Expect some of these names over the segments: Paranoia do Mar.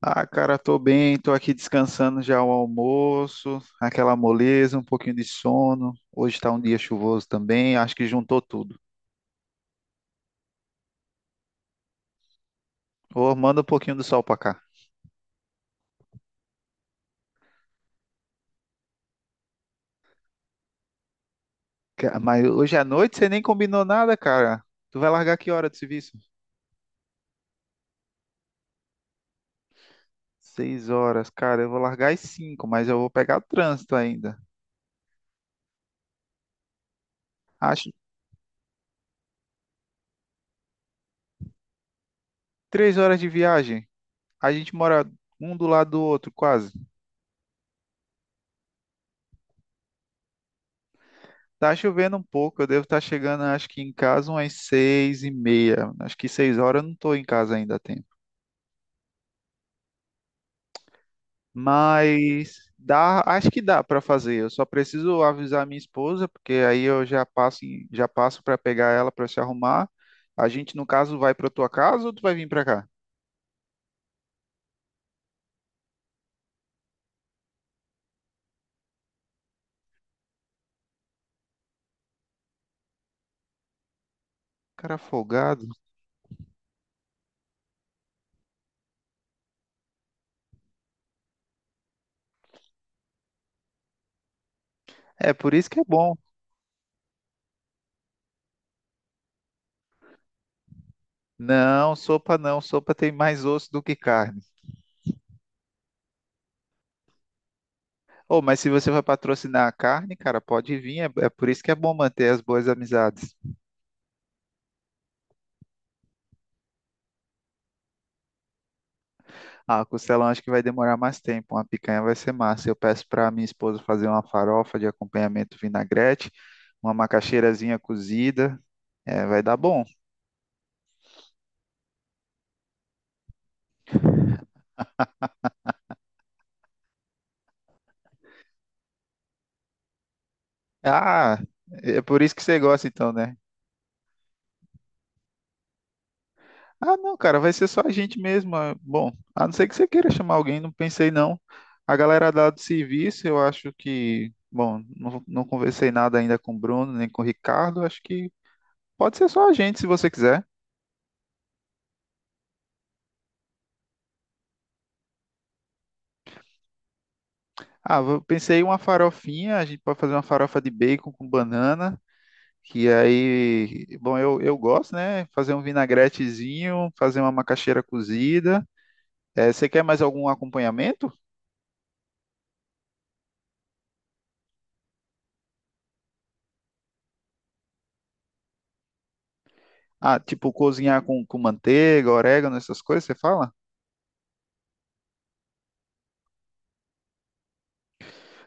Ah, cara, tô bem, tô aqui descansando já o almoço, aquela moleza, um pouquinho de sono. Hoje tá um dia chuvoso também, acho que juntou tudo. Ô, manda um pouquinho do sol pra cá. Mas hoje à noite você nem combinou nada, cara. Tu vai largar que hora do serviço? 6 horas, cara, eu vou largar às 5, mas eu vou pegar trânsito ainda. Acho 3 horas de viagem. A gente mora um do lado do outro, quase. Tá chovendo um pouco, eu devo estar chegando, acho que em casa umas 6h30. Acho que 6 horas eu não estou em casa ainda a tempo. Mas dá, acho que dá para fazer. Eu só preciso avisar minha esposa, porque aí eu já passo, já passo para pegar ela para se arrumar. A gente, no caso, vai para tua casa ou tu vai vir para cá? Cara folgado. É por isso que é bom. Não, sopa não. Sopa tem mais osso do que carne. Oh, mas se você vai patrocinar a carne, cara, pode vir. É, é por isso que é bom manter as boas amizades. Ah, costelão acho que vai demorar mais tempo. Uma picanha vai ser massa. Eu peço para minha esposa fazer uma farofa de acompanhamento vinagrete, uma macaxeirazinha cozida. É, vai dar bom. Ah, é por isso que você gosta então, né? Ah, não, cara, vai ser só a gente mesmo. Bom, a não ser que você queira chamar alguém, não pensei não. A galera lá do serviço, eu acho que, bom, não, não conversei nada ainda com o Bruno nem com o Ricardo. Acho que pode ser só a gente, se você quiser. Ah, eu pensei em uma farofinha, a gente pode fazer uma farofa de bacon com banana, que aí, bom, eu gosto, né? Fazer um vinagretezinho, fazer uma macaxeira cozida. Você quer mais algum acompanhamento? Ah, tipo cozinhar com manteiga, orégano, essas coisas, você fala?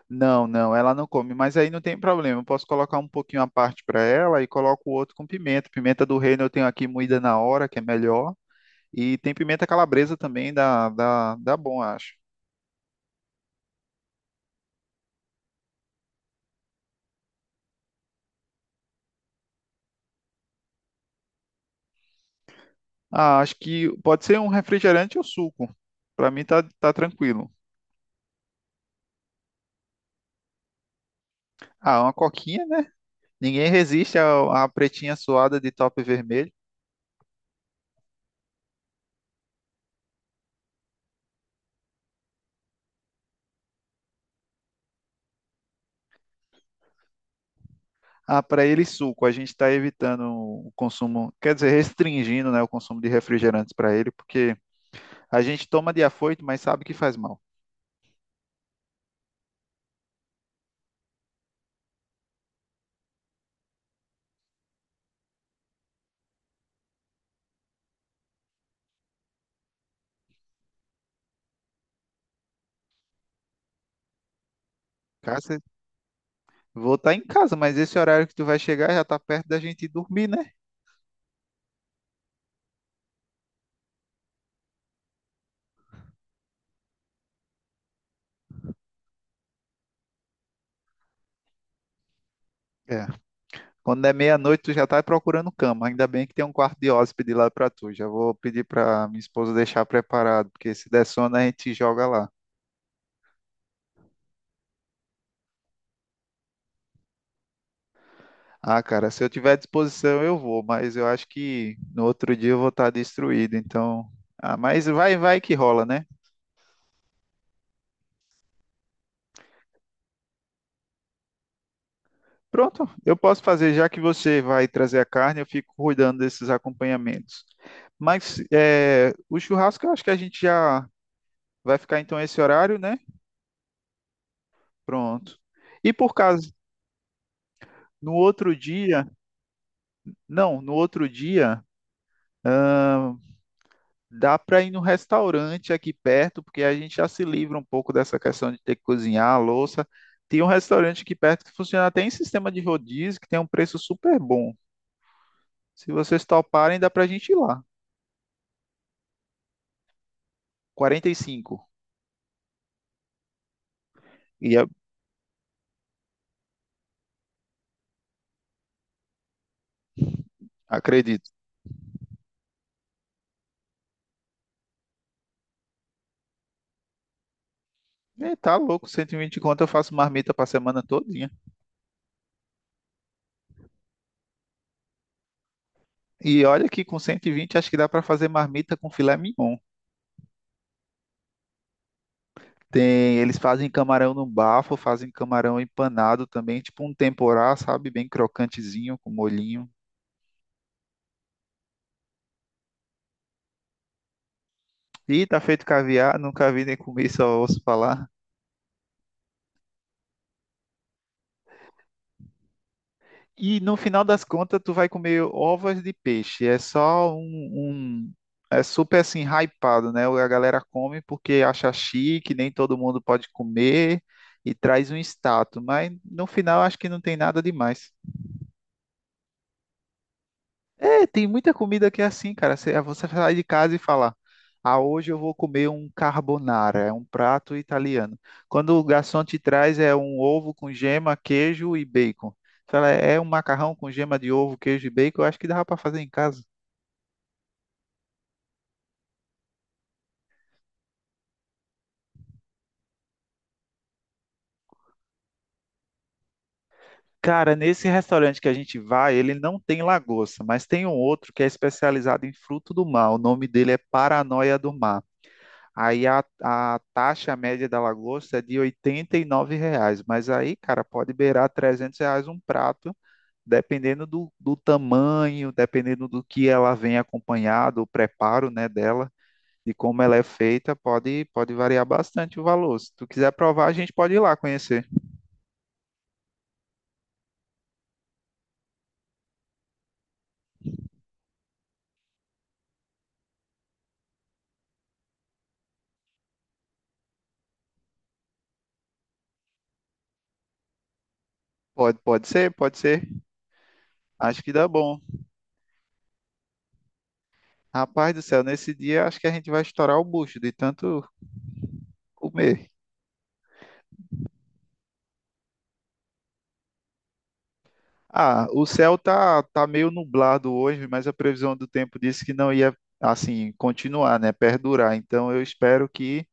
Não, não, ela não come, mas aí não tem problema. Eu posso colocar um pouquinho à parte para ela e coloco o outro com pimenta. Pimenta do reino eu tenho aqui moída na hora, que é melhor. E tem pimenta calabresa também, dá bom, acho. Ah, acho que pode ser um refrigerante ou suco. Pra mim tá tranquilo. Ah, uma coquinha, né? Ninguém resiste à pretinha suada de top vermelho. Ah, para ele suco. A gente está evitando o consumo, quer dizer, restringindo, né, o consumo de refrigerantes para ele, porque a gente toma de afoito, mas sabe que faz mal. Cássio, vou estar em casa, mas esse horário que tu vai chegar já tá perto da gente ir dormir, né? É. Quando é meia-noite, tu já tá procurando cama. Ainda bem que tem um quarto de hóspede lá pra tu. Já vou pedir pra minha esposa deixar preparado, porque se der sono, a gente joga lá. Ah, cara, se eu tiver à disposição, eu vou, mas eu acho que no outro dia eu vou estar destruído, então. Ah, mas vai, vai que rola, né? Pronto, eu posso fazer, já que você vai trazer a carne, eu fico cuidando desses acompanhamentos. Mas é, o churrasco, eu acho que a gente já vai ficar então esse horário, né? Pronto. E por caso, no outro dia. Não, no outro dia, ahn, dá para ir no restaurante aqui perto, porque a gente já se livra um pouco dessa questão de ter que cozinhar a louça. Tem um restaurante aqui perto que funciona até em sistema de rodízio, que tem um preço super bom. Se vocês toparem, dá para a gente ir lá. 45. E é- Acredito. É, tá louco, 120 conto eu faço marmita para semana todinha. E olha que com 120 acho que dá para fazer marmita com filé mignon. Tem, eles fazem camarão no bafo, fazem camarão empanado também, tipo um temporá, sabe? Bem crocantezinho, com molhinho. E tá feito caviar, nunca vi nem comi, só ouço falar. E no final das contas, tu vai comer ovas de peixe. É só um- É super assim, hypado, né? A galera come porque acha chique, nem todo mundo pode comer e traz um status. Mas no final, acho que não tem nada demais. É, tem muita comida que é assim, cara. Você sai de casa e fala: Ah, hoje eu vou comer um carbonara, é um prato italiano. Quando o garçom te traz, é um ovo com gema, queijo e bacon. Você Fala, é um macarrão com gema de ovo, queijo e bacon. Eu acho que dava para fazer em casa. Cara, nesse restaurante que a gente vai, ele não tem lagosta, mas tem um outro que é especializado em fruto do mar. O nome dele é Paranoia do Mar. Aí a taxa média da lagosta é de R$ 89, mas aí, cara, pode beirar R$ 300 um prato, dependendo do tamanho, dependendo do que ela vem acompanhado, o preparo, né, dela, de como ela é feita, pode, pode variar bastante o valor. Se tu quiser provar, a gente pode ir lá conhecer. Pode, pode ser, pode ser. Acho que dá bom. Rapaz do céu, nesse dia acho que a gente vai estourar o bucho de tanto comer. Ah, o céu tá meio nublado hoje, mas a previsão do tempo disse que não ia, assim, continuar, né? Perdurar. Então eu espero que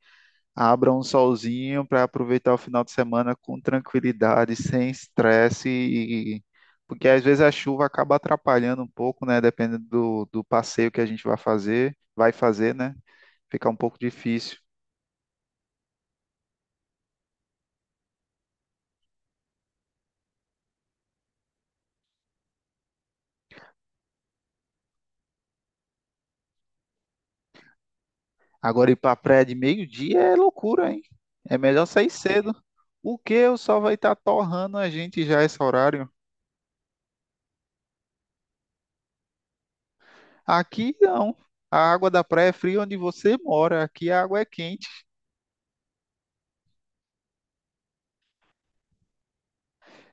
abra um solzinho para aproveitar o final de semana com tranquilidade, sem estresse, porque às vezes a chuva acaba atrapalhando um pouco, né? Dependendo do passeio que a gente vai fazer, né? Fica um pouco difícil. Agora ir para a praia de meio-dia é loucura, hein? É melhor sair cedo. O que o sol vai estar torrando a gente já esse horário? Aqui não. A água da praia é fria onde você mora. Aqui a água é quente.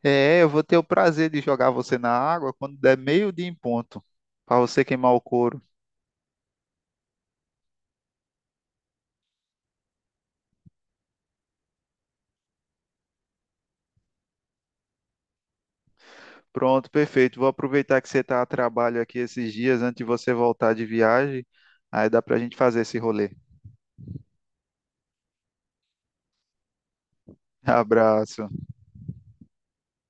É, eu vou ter o prazer de jogar você na água quando der meio-dia em ponto, para você queimar o couro. Pronto, perfeito. Vou aproveitar que você está a trabalho aqui esses dias antes de você voltar de viagem. Aí dá para a gente fazer esse rolê. Abraço.